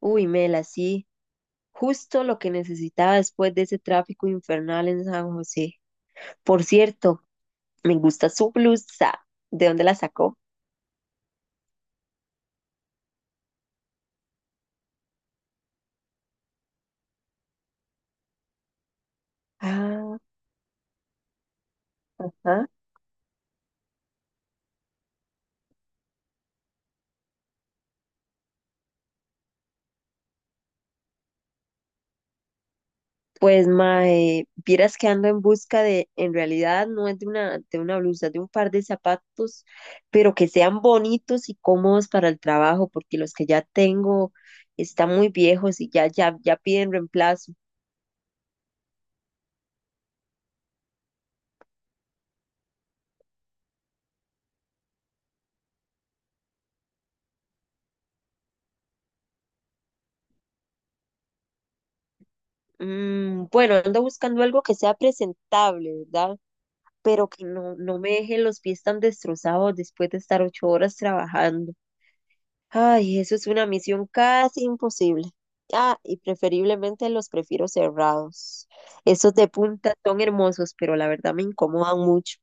Uy, Mela, sí, justo lo que necesitaba después de ese tráfico infernal en San José. Por cierto, me gusta su blusa. ¿De dónde la sacó? Ah, ah. Pues, mae, vieras que ando en busca de, en realidad no es de una blusa, de un par de zapatos, pero que sean bonitos y cómodos para el trabajo, porque los que ya tengo están muy viejos y ya, ya, ya piden reemplazo. Bueno, ando buscando algo que sea presentable, ¿verdad? Pero que no me dejen los pies tan destrozados después de estar 8 horas trabajando. Ay, eso es una misión casi imposible. Ah, y preferiblemente los prefiero cerrados. Esos de punta son hermosos, pero la verdad me incomodan mucho.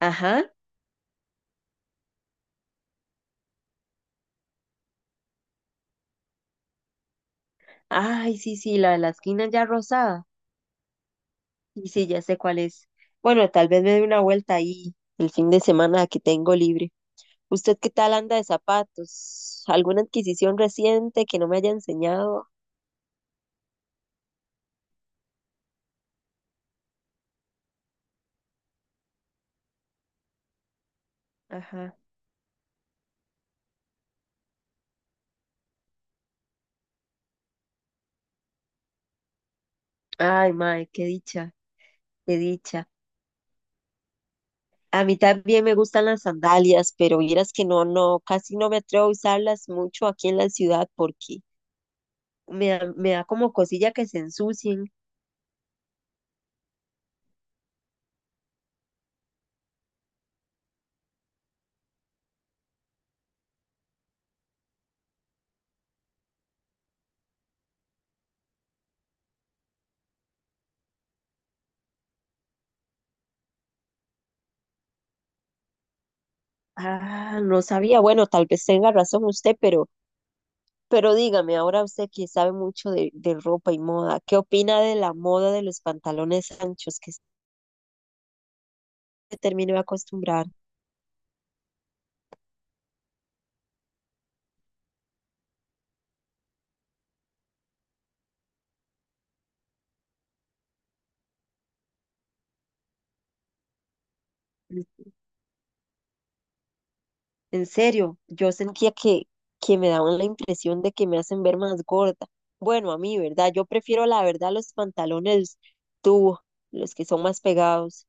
Ajá. Ay, sí, sí, la de la esquina ya rosada. Y sí, ya sé cuál es. Bueno, tal vez me dé una vuelta ahí el fin de semana que tengo libre. ¿Usted qué tal anda de zapatos? ¿Alguna adquisición reciente que no me haya enseñado? Ajá. Ay, mae, qué dicha, qué dicha. A mí también me gustan las sandalias, pero vieras que no, casi no me atrevo a usarlas mucho aquí en la ciudad porque me da como cosilla que se ensucien. Ah, no sabía. Bueno, tal vez tenga razón usted, pero dígame, ahora usted que sabe mucho de ropa y moda, ¿qué opina de la moda de los pantalones anchos que se terminó de acostumbrar? En serio, yo sentía que me daban la impresión de que me hacen ver más gorda. Bueno, a mí, ¿verdad? Yo prefiero la verdad los pantalones tubo, los que son más pegados.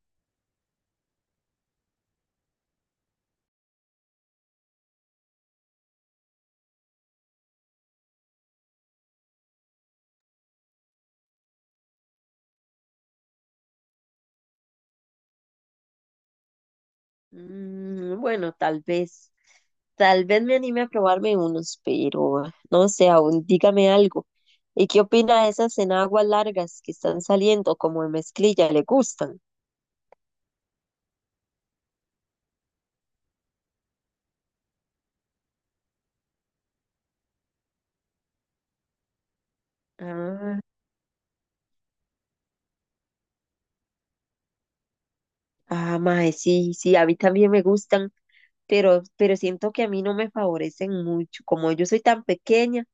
Bueno, tal vez me anime a probarme unos, pero ah, no sé, aún dígame algo. ¿Y qué opina de esas enaguas largas que están saliendo como de mezclilla? ¿Le gustan? Ah, ah, mae, sí, sí, a mí también me gustan. Pero siento que a mí no me favorecen mucho. Como yo soy tan pequeña,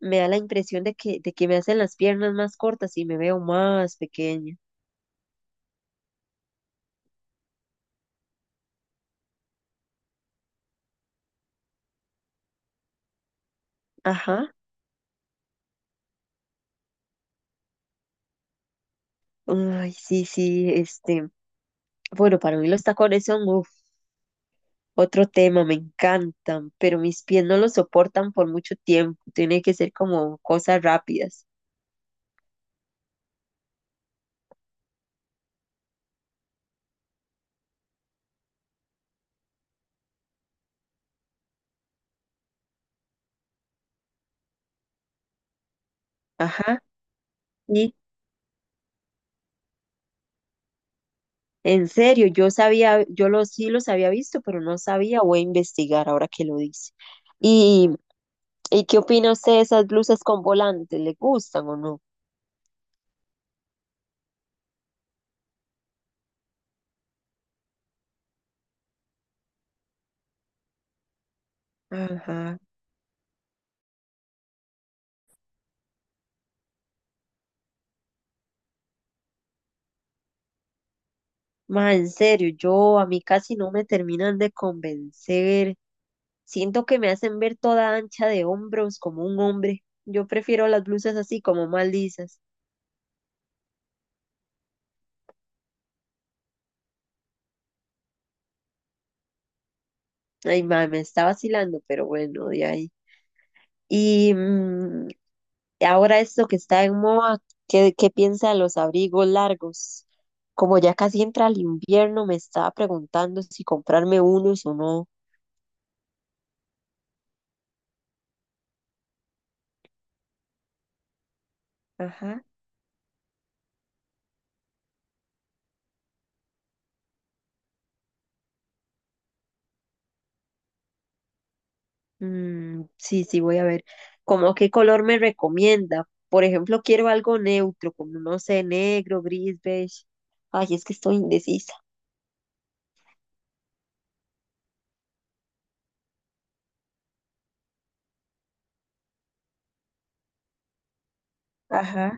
me da la impresión de que, me hacen las piernas más cortas y me veo más pequeña. Ajá. Ay, sí, sí, este. Bueno, para mí los tacones son uf, otro tema, me encantan, pero mis pies no los soportan por mucho tiempo. Tiene que ser como cosas rápidas. Ajá. Sí. En serio, yo sabía, sí los había visto, pero no sabía, voy a investigar ahora que lo dice. ¿Y, y qué opina usted de esas blusas con volantes? ¿Le gustan o no? Ajá. Ma, en serio, yo a mí casi no me terminan de convencer. Siento que me hacen ver toda ancha de hombros como un hombre. Yo prefiero las blusas así como más lisas. Ay, ma, me está vacilando, pero bueno, de ahí. Y, ahora esto que está en moda, ¿qué piensa de los abrigos largos? Como ya casi entra el invierno, me estaba preguntando si comprarme unos o no. Ajá. Mm, sí, sí, voy a ver. ¿Cómo qué color me recomienda? Por ejemplo, quiero algo neutro, como no sé, negro, gris, beige. Ay, es que estoy indecisa. Ajá.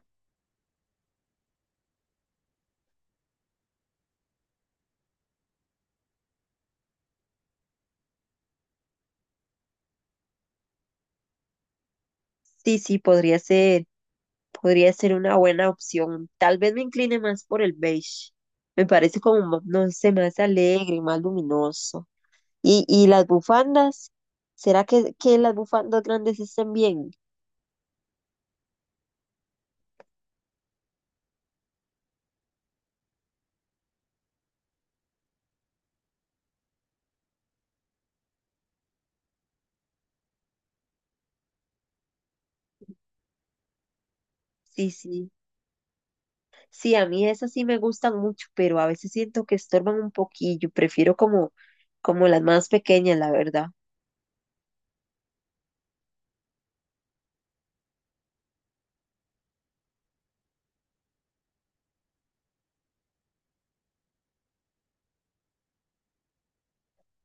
Sí, sí, podría ser una buena opción. Tal vez me incline más por el beige. Me parece como, no sé, más alegre, más luminoso. Y las bufandas, ¿será que las bufandas grandes estén bien? Sí, sí. Sí, a mí esas sí me gustan mucho, pero a veces siento que estorban un poquillo. Prefiero como las más pequeñas, la verdad.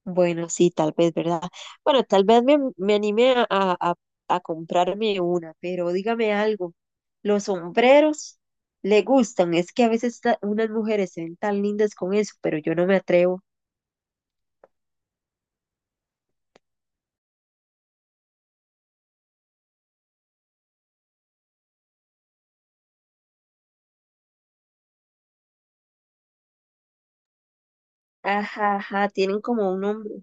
Bueno, sí, tal vez, ¿verdad? Bueno, tal vez me anime a comprarme una, pero dígame algo. Los sombreros le gustan. Es que a veces unas mujeres se ven tan lindas con eso, pero yo no me atrevo. Ajá, ajá, tienen como un nombre.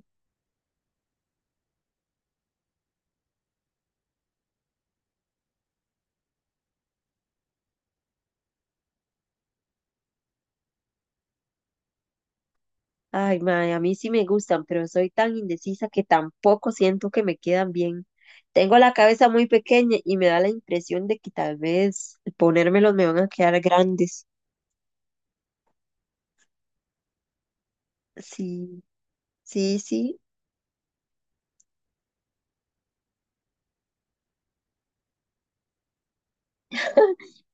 Ay, mae, a mí sí me gustan, pero soy tan indecisa que tampoco siento que me quedan bien. Tengo la cabeza muy pequeña y me da la impresión de que tal vez ponérmelos me van a quedar grandes. Sí, sí, sí,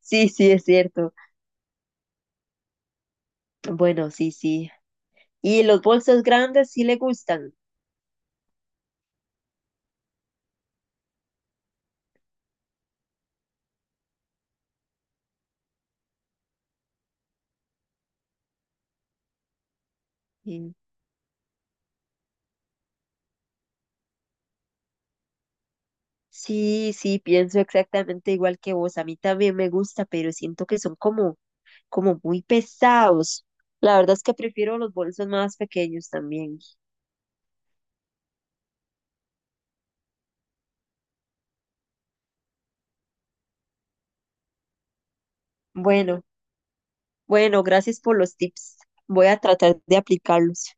sí, sí, es cierto. Bueno, sí, sí. ¿Y los bolsos grandes sí le gustan? Sí, sí, sí, pienso exactamente igual que vos. A mí también me gusta, pero siento que son como muy pesados. La verdad es que prefiero los bolsos más pequeños también. Bueno. Bueno, gracias por los tips. Voy a tratar de aplicarlos.